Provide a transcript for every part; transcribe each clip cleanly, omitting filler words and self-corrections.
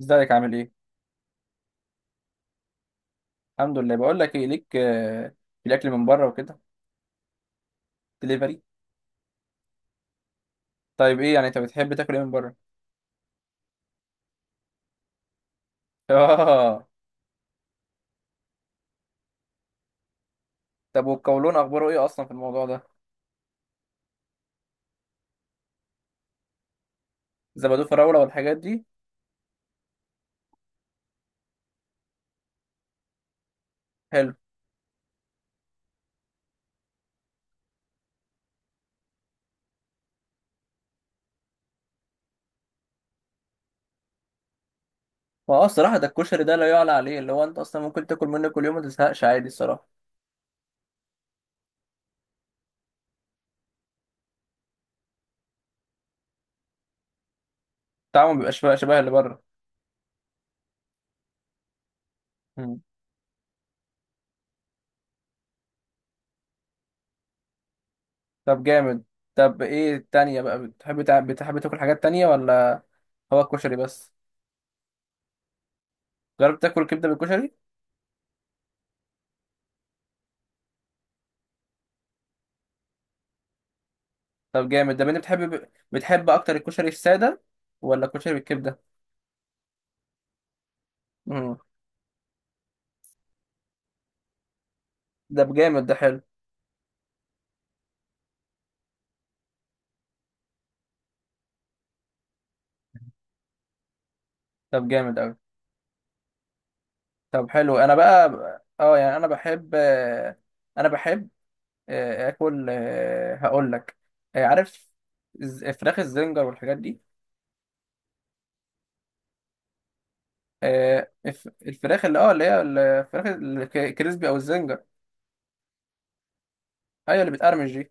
ازيك؟ عامل ايه؟ الحمد لله. بقول لك ايه ليك، في الاكل من بره وكده. دليفري. طيب، ايه يعني انت بتحب تاكل ايه من بره؟ اه. طب والقولون اخباره ايه اصلا في الموضوع ده؟ زبادو فراوله والحاجات دي؟ حلو. ما هو الصراحه، ده الكشري ده لا يعلى عليه. اللي هو انت اصلا ممكن تاكل منه كل يوم ما تزهقش عادي الصراحه. طعمه بيبقى شبه شبه اللي بره. مم. طب جامد. طب، ايه التانية بقى، بتحب تاكل حاجات تانية ولا؟ هو الكشري بس؟ جربت تاكل كبده بالكشري؟ طب جامد ده. انت بتحب اكتر الكشري الساده ولا الكشري بالكبده؟ امم. ده بجامد. ده حلو. طب جامد قوي. طب حلو. انا بقى، اه، يعني انا بحب، اكل. هقول لك. عارف، فراخ الزنجر والحاجات دي. الفراخ اللي هي الفراخ الكريسبي او الزنجر. ايوه، اللي بتقرمش دي.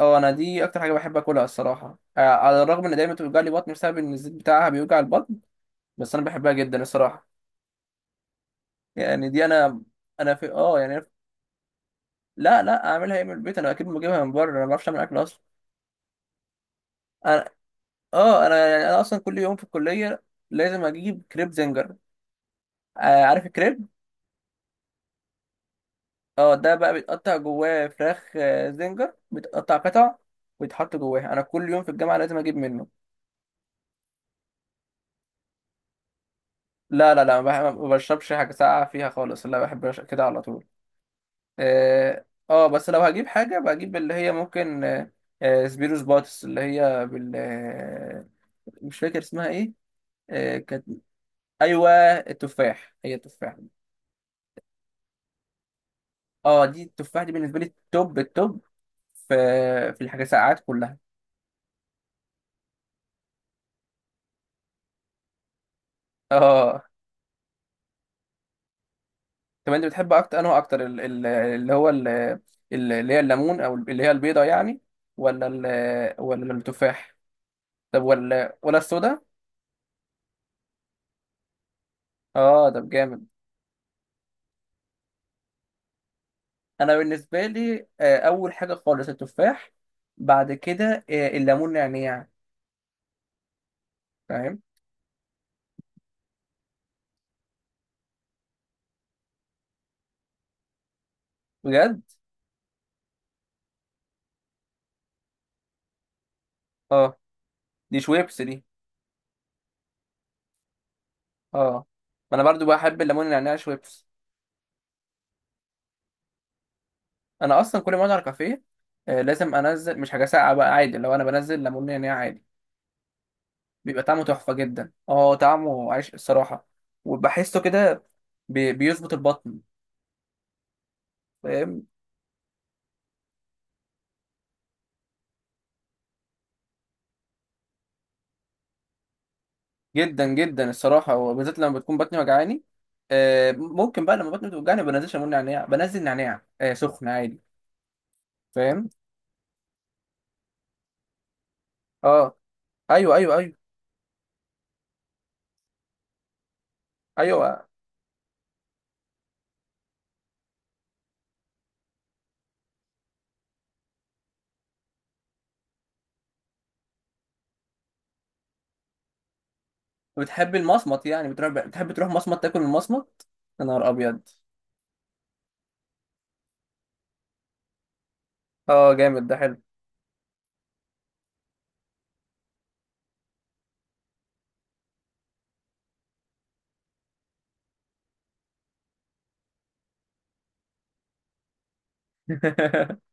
اه، انا دي اكتر حاجه بحب اكلها الصراحه، على الرغم ان دايما بتوجع لي بطني، بسبب ان الزيت بتاعها بيوجع البطن. بس انا بحبها جدا الصراحه. يعني دي انا. انا في، يعني أنا-. لا، لا، اعملها ايه من البيت؟ انا اكيد بجيبها من بره. انا ما بعرفش اعمل اكل اصلا. انا اه انا يعني انا اصلا كل يوم في الكليه، لازم اجيب كريب زنجر. عارف الكريب؟ اه، ده بقى بيتقطع جواه فراخ، زنجر بيتقطع قطع، ويتحط جواها. انا كل يوم في الجامعه لازم اجيب منه. لا، لا، لا، ما بشربش حاجه ساقعه فيها خالص. لا، بحب أش- كده على طول. اه. بس لو هجيب حاجه، بجيب اللي هي ممكن، سبيروس باتس اللي هي بال، مش فاكر اسمها ايه. كانت. ايوه. التفاح، هي التفاح. اه، دي التفاح دي بالنسبه لي التوب التوب. في. في الحاجات ساعات كلها. اه. طب، انت بتحب اكتر، انه اكتر ال- ال- اللي هو ال- ال- اللي هي الليمون او اللي هي البيضه يعني، ولا ولا التفاح؟ طب، ولا السودا؟ اه، ده جامد. انا بالنسبه لي اول حاجه خالص التفاح. بعد كده الليمون نعناع. فاهم؟ بجد؟ اه، دي شويبس دي. اه، ما انا برضو بحب الليمون النعناع شويبس. انا اصلا كل ما اقعد على كافيه، لازم انزل، مش حاجه ساقعه بقى عادي، لو انا بنزل ليمون نعناع عادي، بيبقى طعمه تحفه جدا. اه، طعمه عايش الصراحه. وبحسه كده، بيظبط البطن. فاهم؟ جدا جدا الصراحه، وبالذات لما بتكون بطني وجعاني. ممكن بقى لما بطني بتوجعني ما بنزلش ليمون نعناع، بنزل نعناع سخن عادي. فاهم؟ اه، ايوه، ايوه، ايوه، ايوه. بتحب المصمت يعني؟ بتحب تروح مصمت تاكل المصمت؟ يا نهار ابيض. اه، جامد. ده حلو.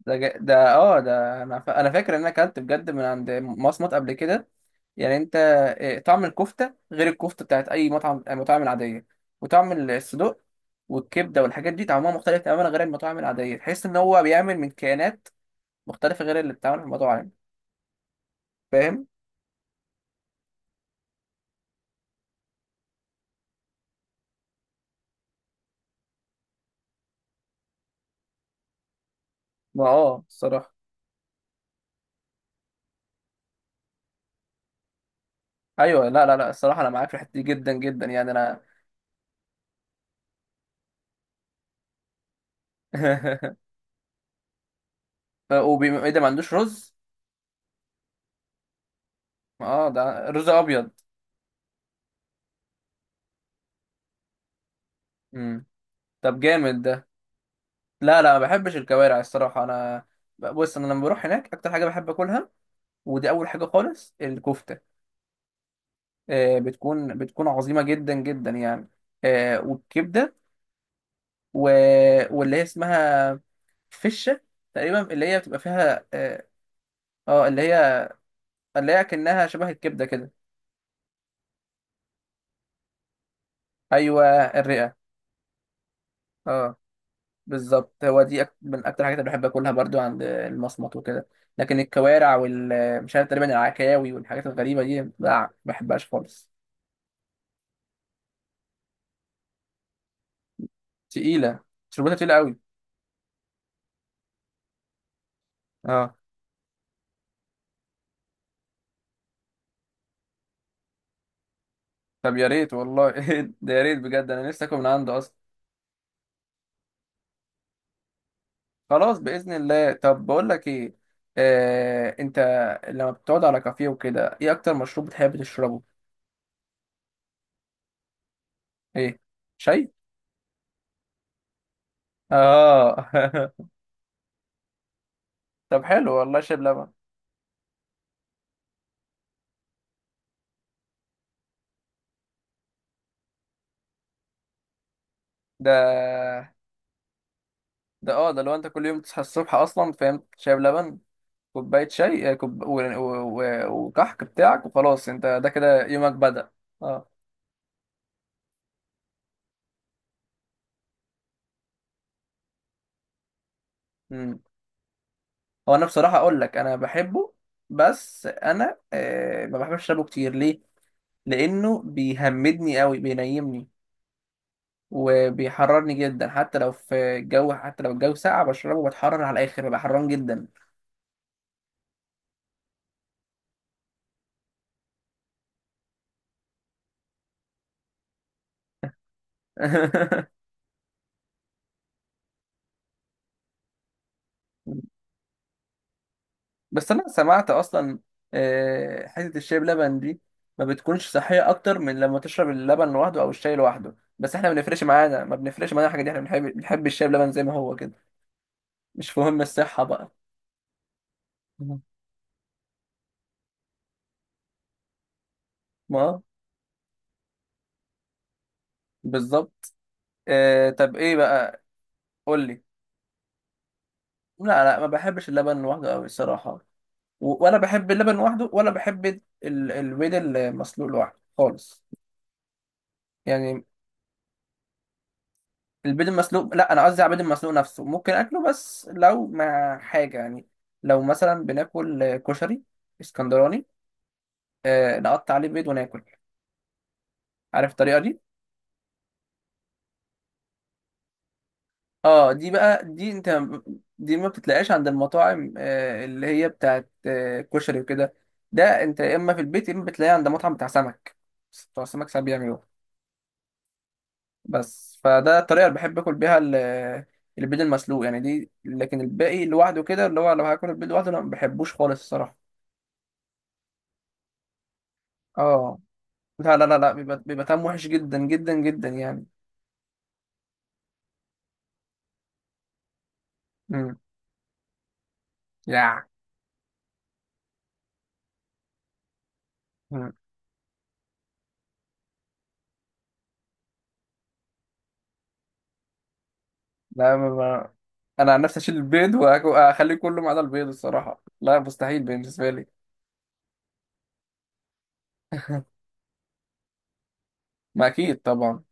ده جا- ده اه ده انا فاكر ان انا اكلت بجد من عند مصمت قبل كده. يعني انت، طعم الكفته غير الكفته بتاعت اي مطعم، المطاعم العاديه. وطعم الصدوق والكبده والحاجات دي طعمها مختلف تماما غير المطاعم العاديه. تحس ان هو بيعمل من كيانات مختلفه غير اللي بتتعمل في المطاعم. فاهم؟ ما الصراحه. ايوه. لا، لا، لا، الصراحه انا معاك في الحته دي جدا جدا، يعني انا. ايه ده ما عندوش رز؟ اه، ده رز ابيض؟ امم. طب جامد ده. لا، لا، ما بحبش الكوارع الصراحة أنا. بص، أنا لما بروح هناك أكتر حاجة بحب أكلها، ودي أول حاجة خالص، الكفتة. بتكون عظيمة جدا جدا يعني. والكبدة، و... واللي هي اسمها فشة تقريبا، اللي هي بتبقى فيها اه اللي هي، اللي هي كأنها شبه الكبدة كده. أيوة، الرئة. اه، بالظبط. هو دي من أكتر الحاجات اللي بحب أكلها برضو عند المصمت وكده. لكن الكوارع مش عارف، تقريبا العكاوي والحاجات الغريبة دي لا، ما بحبهاش خالص. تقيلة. شربتها تقيلة قوي. اه. طب يا ريت والله. ده يا ريت بجد، انا نفسي اكل من عنده اصلا. خلاص بإذن الله. طب بقول لك ايه، انت لما بتقعد على كافيه وكده، ايه اكتر مشروب بتحب تشربه؟ ايه؟ شاي؟ اه. طب حلو والله. شايب لبن. ده ده لو انت كل يوم تصحى الصبح اصلا، فاهم، شايب لبن، كوباية شاي، كوب... و... و... و... وكحك بتاعك وخلاص، انت ده كده يومك بدأ. اه. هو انا بصراحه اقول لك، انا بحبه، بس انا ما بحبش اشربه كتير. ليه؟ لانه بيهمدني قوي، بينيمني، وبيحررني جدا. حتى لو في الجو، حتى لو الجو ساقع بشربه، بتحرر على الاخر، ببقى حران جدا. بس انا سمعت اصلا حته الشاي بلبن دي ما بتكونش صحيه اكتر من لما تشرب اللبن لوحده او الشاي لوحده. بس احنا ما بنفرقش معانا الحاجه دي، احنا بنحب الشاي بلبن زي ما هو كده. مش مهم الصحه بقى. مم. ما، بالظبط. طب، ايه بقى. قول لي. لا، لا، ما بحبش اللبن لوحده قوي الصراحه. ولا بحب اللبن لوحده، ولا بحب البيض المسلوق لوحده خالص. يعني، البيض المسلوق، لا، انا قصدي على البيض المسلوق نفسه ممكن اكله بس لو مع حاجه يعني. لو مثلا بناكل كشري اسكندراني، نقطع عليه بيض وناكل. عارف الطريقه دي؟ اه، دي بقى دي انت، دي ما بتتلاقاش عند المطاعم اللي هي بتاعت كشري وكده. ده انت يا اما في البيت، يا اما بتلاقيه عند مطعم بتاع سمك. بتوع السمك ساعات بيعملوه. بس فده الطريقه اللي بحب اكل بيها ال-. البيض المسلوق يعني دي، لكن الباقي لوحده كده، اللي هو لو هاكل البيض لوحده انا ما بحبوش خالص الصراحه. اه، لا، لا، لا، لا، بيبقى طعمه وحش جدا جدا جدا يعني. امم. يا. مم. لا، انا عن نفسي اشيل البيض واخليه كله ما عدا البيض الصراحه، لا مستحيل بالنسبه لي. ما اكيد طبعا.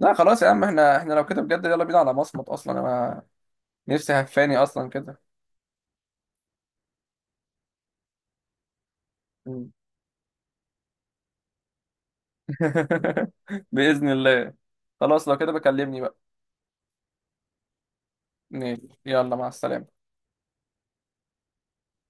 لا خلاص يا عم، احنا لو كده بجد يلا بينا على مصمت اصلا. انا نفسي هفاني اصلا كده. مم. باذن الله. خلاص لو كده بكلمني بقى. ماشي، يلا مع السلامه.